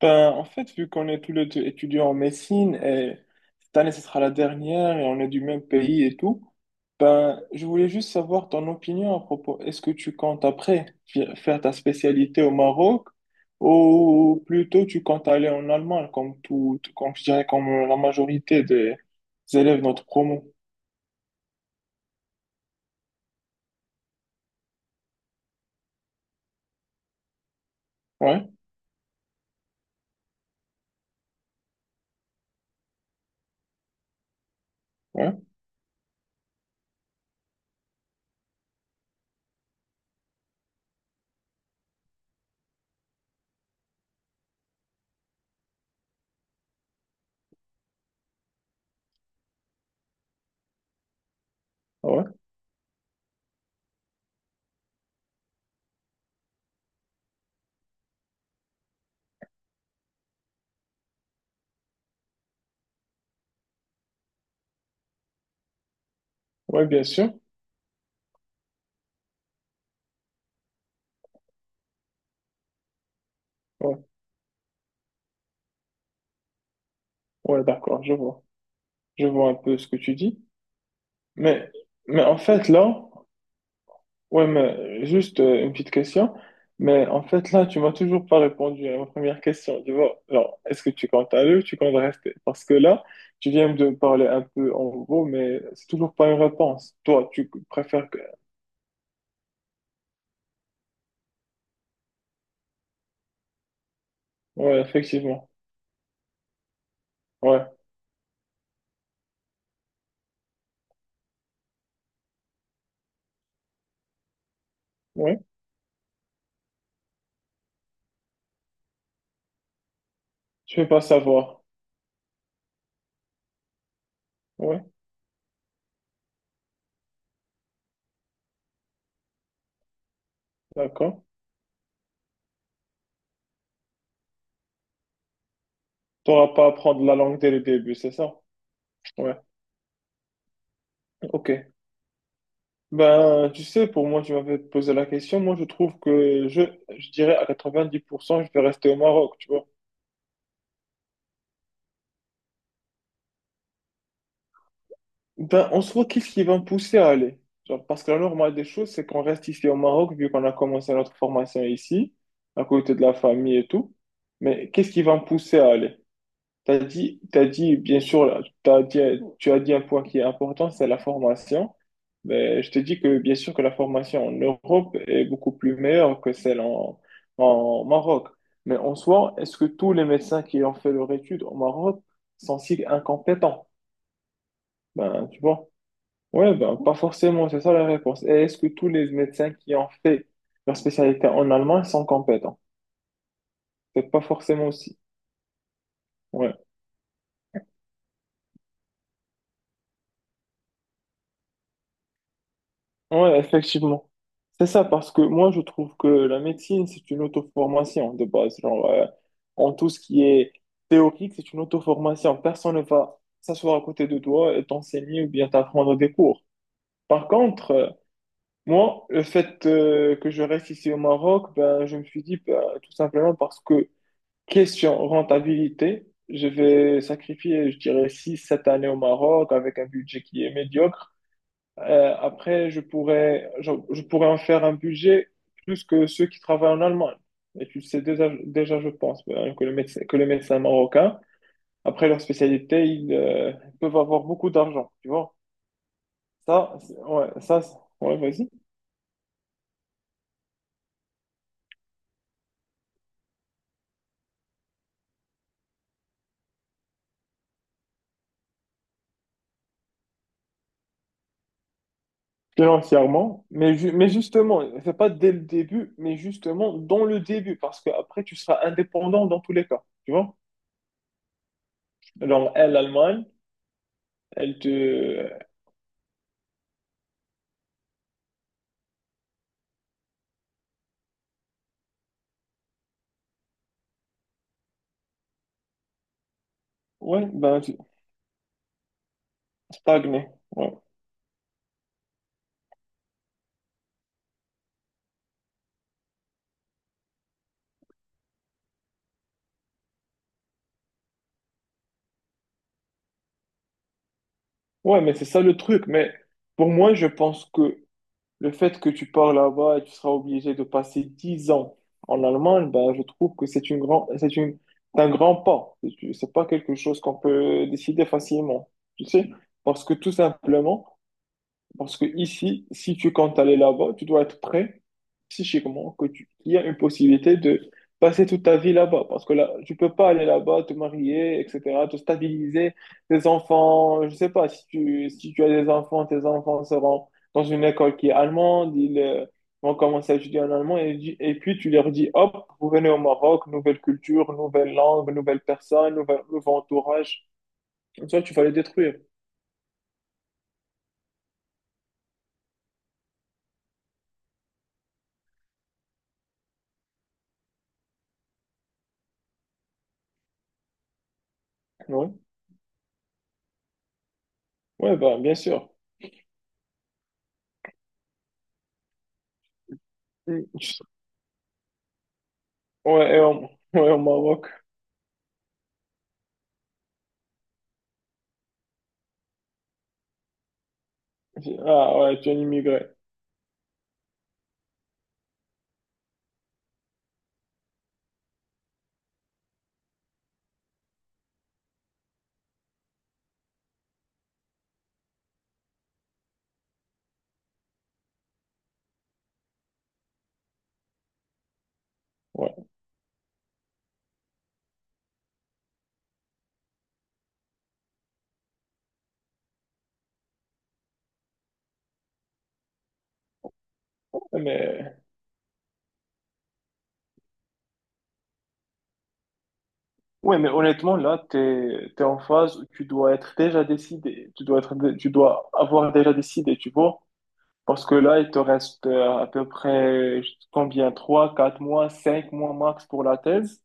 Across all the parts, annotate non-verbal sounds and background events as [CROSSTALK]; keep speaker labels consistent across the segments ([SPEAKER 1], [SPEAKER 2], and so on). [SPEAKER 1] Ben, en fait, vu qu'on est tous les deux étudiants en médecine et cette année, ce sera la dernière et on est du même pays et tout, ben, je voulais juste savoir ton opinion à propos. Est-ce que tu comptes après faire ta spécialité au Maroc ou plutôt tu comptes aller en Allemagne comme comme je dirais, comme la majorité des élèves de notre promo? Ouais, ouais, ouais, ouais, bien sûr. Ouais, ouais, d'accord, je vois. Je vois un peu ce que tu dis. Mais, mais en fait, là, ouais, mais juste une petite question. Mais en fait, là, tu m'as toujours pas répondu à ma première question. Tu vois, alors, est-ce que tu comptes aller ou tu comptes rester? Parce que là, tu viens de me parler un peu en gros, mais c'est toujours pas une réponse. Toi, tu préfères que. Ouais, effectivement. Ouais, ouais. Tu veux pas savoir. Ouais, d'accord. T'auras pas à prendre la langue dès le début, c'est ça? Ouais, ok. Ben, tu sais, pour moi, tu m'avais posé la question. Moi, je trouve que je dirais à 90% je vais rester au Maroc, tu vois. Ben, en soi, qu'est-ce qui va me pousser à aller? Genre, parce que la normale des choses, c'est qu'on reste ici au Maroc, vu qu'on a commencé notre formation ici, à côté de la famille et tout. Mais qu'est-ce qui va me pousser à aller? Bien sûr, là, tu as dit un point qui est important, c'est la formation. Mais je te dis que, bien sûr, que la formation en Europe est beaucoup plus meilleure que celle en Maroc. Mais en soi, est-ce que tous les médecins qui ont fait leur étude au Maroc sont si incompétents? Ben, tu vois. Ouais, ben, pas forcément, c'est ça la réponse. Et est-ce que tous les médecins qui ont fait leur spécialité en allemand sont compétents? C'est pas forcément aussi. Ouais, ouais, effectivement. C'est ça, parce que moi, je trouve que la médecine, c'est une auto-formation de base. Genre, en tout ce qui est théorique, c'est une auto-formation. Personne ne va s'asseoir à côté de toi et t'enseigner ou bien t'apprendre des cours. Par contre, moi, le fait que je reste ici au Maroc, ben, je me suis dit, ben, tout simplement parce que question rentabilité, je vais sacrifier, je dirais, six, sept années au Maroc avec un budget qui est médiocre. Après, je pourrais en faire un budget plus que ceux qui travaillent en Allemagne. Et tu le sais déjà, déjà je pense, hein, que les médecins marocains, après leur spécialité, ils peuvent avoir beaucoup d'argent, tu vois. Ouais, ouais, vas-y. Financièrement, mais justement, c'est pas dès le début, mais justement dans le début, parce que après tu seras indépendant dans tous les cas, tu vois? Genre, elle, l'Allemagne, elle te... Ouais, stagner. Ouais. Ouais, mais c'est ça le truc. Mais pour moi, je pense que le fait que tu pars là-bas et tu seras obligé de passer 10 ans en Allemagne, ben, je trouve que c'est un grand pas. C'est pas quelque chose qu'on peut décider facilement, tu sais? Parce que tout simplement, parce que ici, si tu comptes aller là-bas, tu dois être prêt psychiquement qu'il y a une possibilité de passer toute ta vie là-bas. Parce que là, tu peux pas aller là-bas, te marier, etc., te stabiliser, tes enfants, je sais pas, si tu as des enfants, tes enfants seront dans une école qui est allemande, ils vont commencer à étudier en allemand et puis tu leur dis, hop, vous venez au Maroc, nouvelle culture, nouvelle langue, nouvelle personne, nouveau entourage. Comme ça, tu vas les détruire. Ouais, ouais bah, bien sûr. Mm. Tu ouais, et au, [LAUGHS] ouais, au Maroc. Ah ouais, tu es un immigré. Ouais, mais, ouais, mais honnêtement, là, t'es en phase où tu dois être déjà décidé. Tu dois avoir déjà décidé, tu vois. Parce que là, il te reste à peu près combien? Trois, 4 mois, 5 mois max pour la thèse.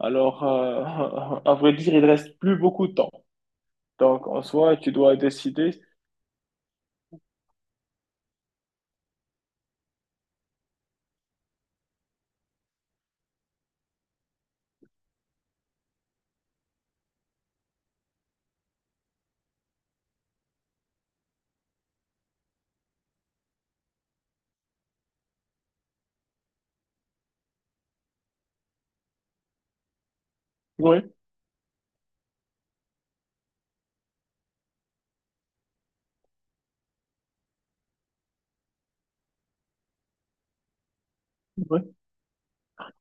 [SPEAKER 1] Alors, [LAUGHS] à vrai dire, il reste plus beaucoup de temps. Donc, en soi, tu dois décider. Oui, oui.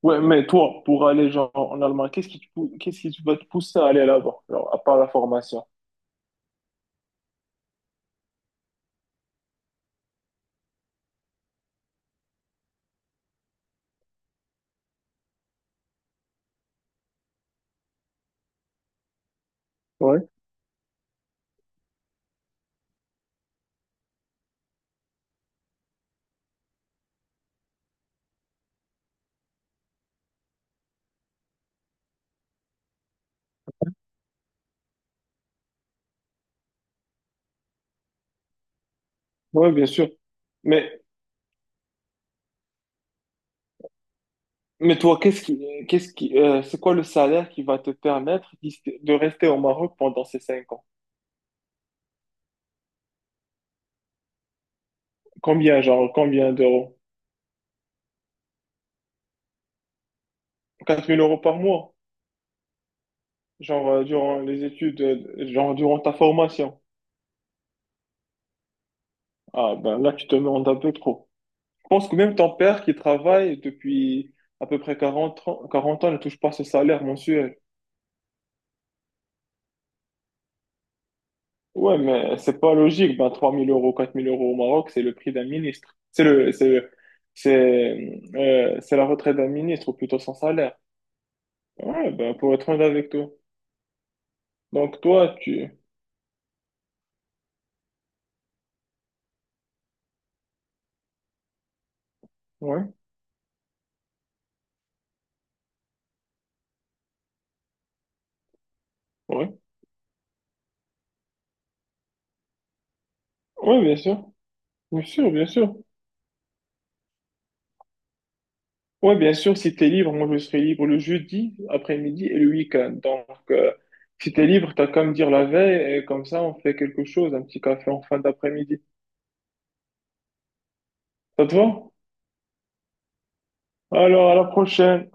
[SPEAKER 1] Ouais, mais toi, pour aller genre en Allemagne, qu'est-ce qui te va te pousser à aller là-bas, genre, à part la formation? Oui, ouais, ouais, bien sûr. Mais Mais toi, qu'est-ce qui, c'est quoi le salaire qui va de rester au Maroc pendant ces 5 ans? Combien, genre, combien d'euros? Quatre mille euros par mois, genre, durant les études, genre, durant ta formation. Ah, ben là, tu te demandes un peu trop. Je pense que même ton père qui travaille depuis à peu près 40 ans, 40 ans ne touche pas ce salaire mensuel. Ouais, mais c'est pas logique. Ben, 3 000 euros, 4 000 euros au Maroc, c'est le prix d'un ministre. C'est la retraite d'un ministre, ou plutôt son salaire. Ouais, ben, pour être honnête avec toi. Donc, toi, tu. Ouais, ouais. Ouais, bien sûr. Bien sûr, bien sûr. Ouais, bien sûr, si t'es libre, moi, je serai libre le jeudi, après-midi et le week-end. Donc, si t'es libre, t'as qu'à me dire la veille et comme ça, on fait quelque chose, un petit café en fin d'après-midi. Ça te va? Alors, à la prochaine.